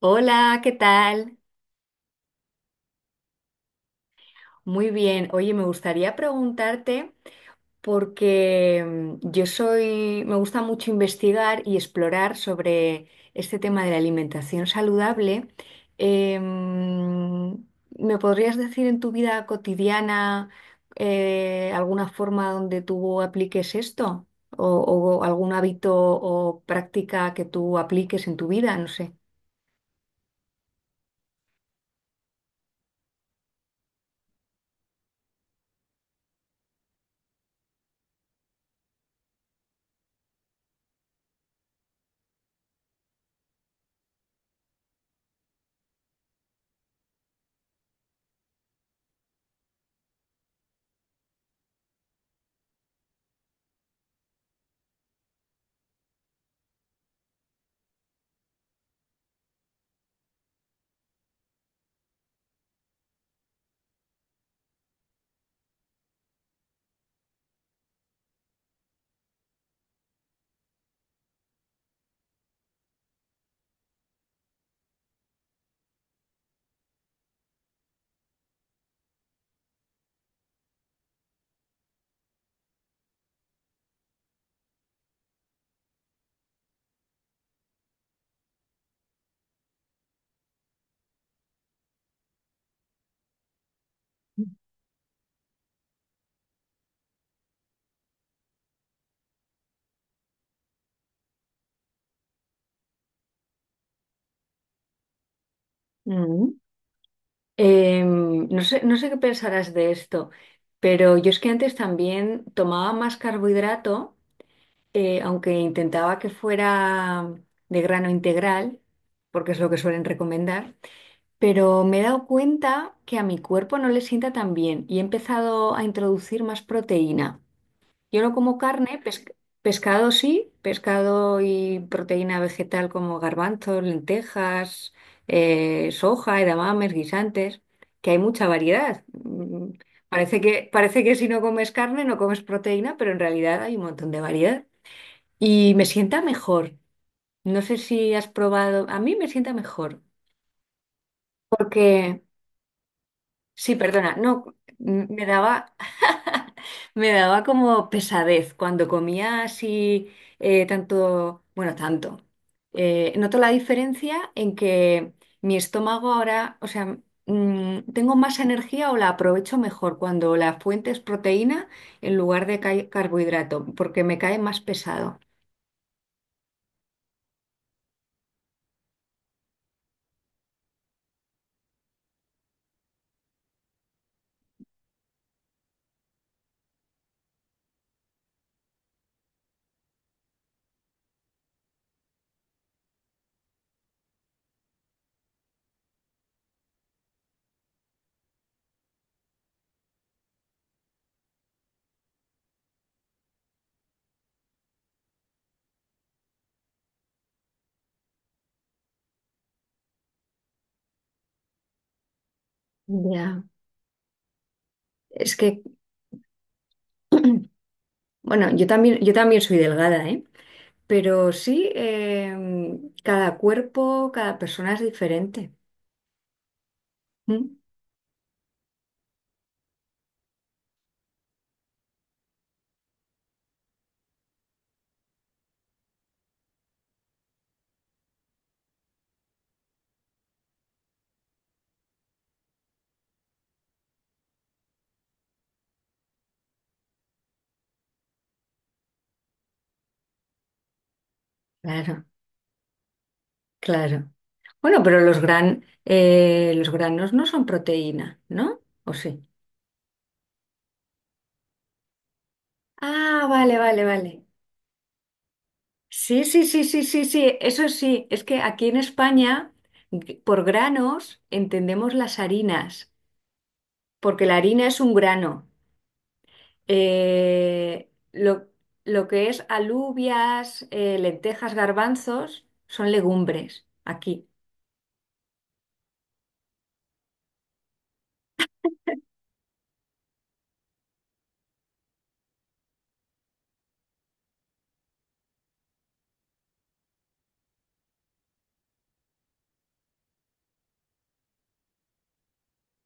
Hola, ¿qué tal? Muy bien. Oye, me gustaría preguntarte porque me gusta mucho investigar y explorar sobre este tema de la alimentación saludable. Em, ¿Me podrías decir en tu vida cotidiana alguna forma donde tú apliques esto? O, o algún hábito o práctica que tú apliques en tu vida? No sé. No sé, no sé qué pensarás de esto, pero yo es que antes también tomaba más carbohidrato, aunque intentaba que fuera de grano integral, porque es lo que suelen recomendar, pero me he dado cuenta que a mi cuerpo no le sienta tan bien y he empezado a introducir más proteína. Yo no como carne, pescado sí, pescado y proteína vegetal como garbanzos, lentejas, soja, edamames, guisantes, que hay mucha variedad. Mm, parece que, parece que si no comes carne no comes proteína, pero en realidad hay un montón de variedad. Y me sienta mejor. No sé si has probado, a mí me sienta mejor, porque sí, perdona, no, me daba, me daba como pesadez cuando comía así tanto, bueno, tanto. Noto la diferencia en que mi estómago ahora, o sea, mm, tengo más energía o la aprovecho mejor cuando la fuente es proteína en lugar de carbohidrato, porque me cae más pesado. Ya. Es que, bueno, yo también soy delgada, ¿eh? Pero sí, cada cuerpo, cada persona es diferente. Mm, claro, claro. Bueno, pero los gran, los granos no son proteína, ¿no? ¿O sí? Ah, vale, vale, vale. Sí, sí, sí, sí, sí, sí. Eso sí, es que aquí en España, por granos, entendemos las harinas, porque la harina es un grano. Eh, lo, lo que es alubias, lentejas, garbanzos, son legumbres aquí.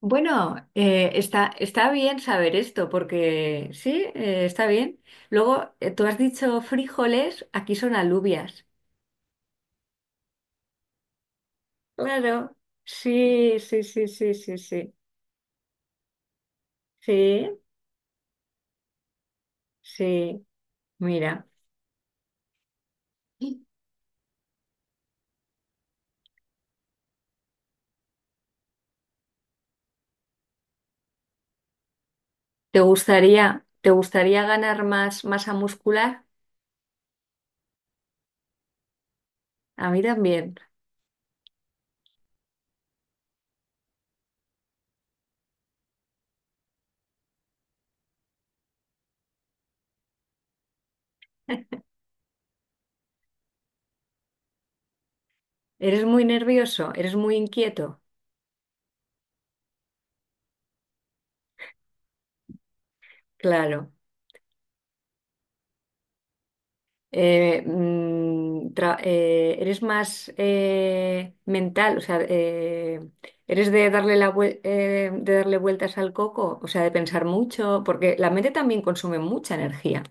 Bueno, está, está bien saber esto porque sí, está bien. Luego, tú has dicho frijoles, aquí son alubias. Claro, sí, sí, sí, sí, sí, sí, sí, sí. Mira, te gustaría ganar más masa muscular? A mí también. ¿Eres muy nervioso? ¿Eres muy inquieto? Claro. ¿Eres más mental? O sea, ¿eres de darle la de darle vueltas al coco? O sea, de pensar mucho, porque la mente también consume mucha energía.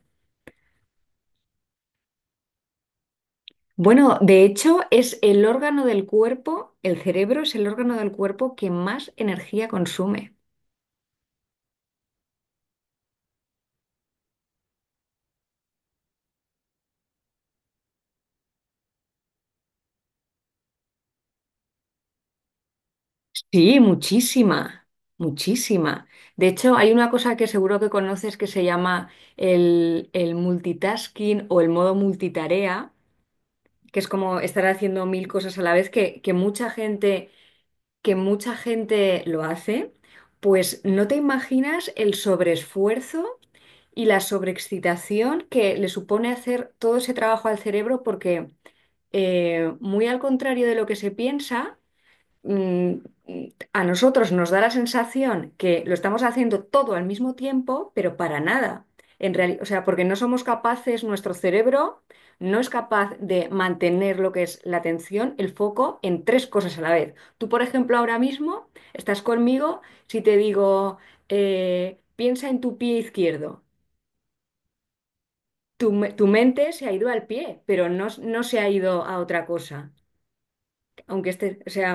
Bueno, de hecho, es el órgano del cuerpo, el cerebro es el órgano del cuerpo que más energía consume. Sí, muchísima, muchísima. De hecho, hay una cosa que seguro que conoces que se llama el multitasking o el modo multitarea, que es como estar haciendo mil cosas a la vez, que mucha gente lo hace, pues no te imaginas el sobreesfuerzo y la sobreexcitación que le supone hacer todo ese trabajo al cerebro, porque muy al contrario de lo que se piensa, mm, a nosotros nos da la sensación que lo estamos haciendo todo al mismo tiempo, pero para nada. En realidad, o sea, porque no somos capaces, nuestro cerebro no es capaz de mantener lo que es la atención, el foco en tres cosas a la vez. Tú, por ejemplo, ahora mismo estás conmigo, si te digo, piensa en tu pie izquierdo, tu mente se ha ido al pie, pero no, no se ha ido a otra cosa. Aunque esté, o sea,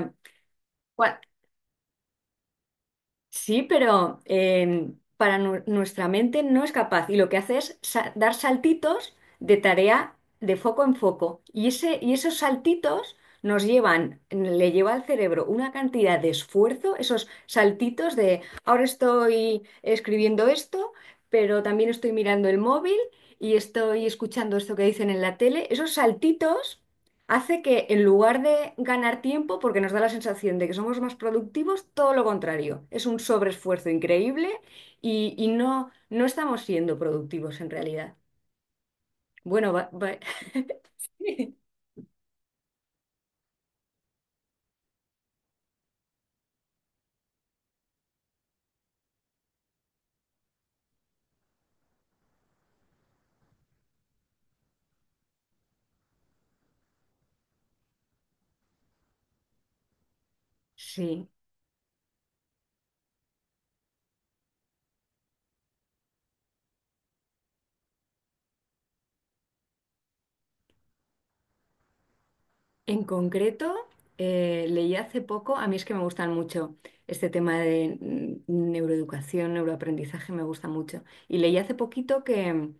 sí, pero nuestra mente no es capaz y lo que hace es dar saltitos de tarea de foco en foco. Y esos saltitos nos llevan, le lleva al cerebro una cantidad de esfuerzo, esos saltitos de ahora estoy escribiendo esto, pero también estoy mirando el móvil y estoy escuchando esto que dicen en la tele. Esos saltitos hace que en lugar de ganar tiempo, porque nos da la sensación de que somos más productivos, todo lo contrario. Es un sobreesfuerzo increíble y no, no estamos siendo productivos en realidad. Bueno, sí. En concreto, leí hace poco, a mí es que me gustan mucho este tema de mm, neuroeducación, neuroaprendizaje, me gusta mucho. Y leí hace poquito que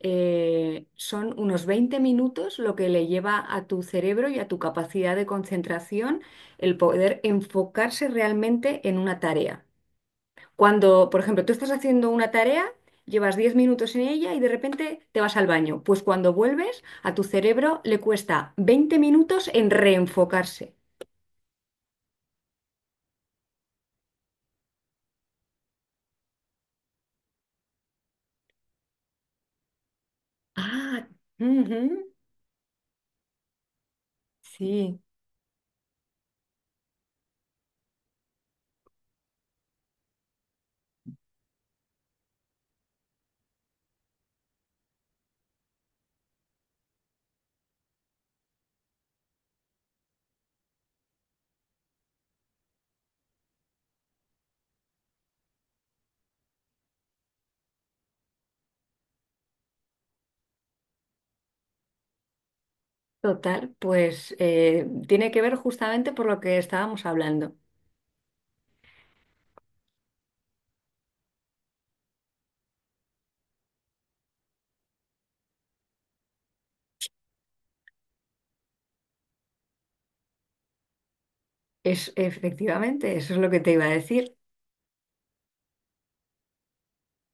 son unos 20 minutos lo que le lleva a tu cerebro y a tu capacidad de concentración el poder enfocarse realmente en una tarea. Cuando, por ejemplo, tú estás haciendo una tarea, llevas 10 minutos en ella y de repente te vas al baño. Pues cuando vuelves, a tu cerebro le cuesta 20 minutos en reenfocarse. Ah, ujú, sí. Total, pues tiene que ver justamente por lo que estábamos hablando. Es efectivamente, eso es lo que te iba a decir.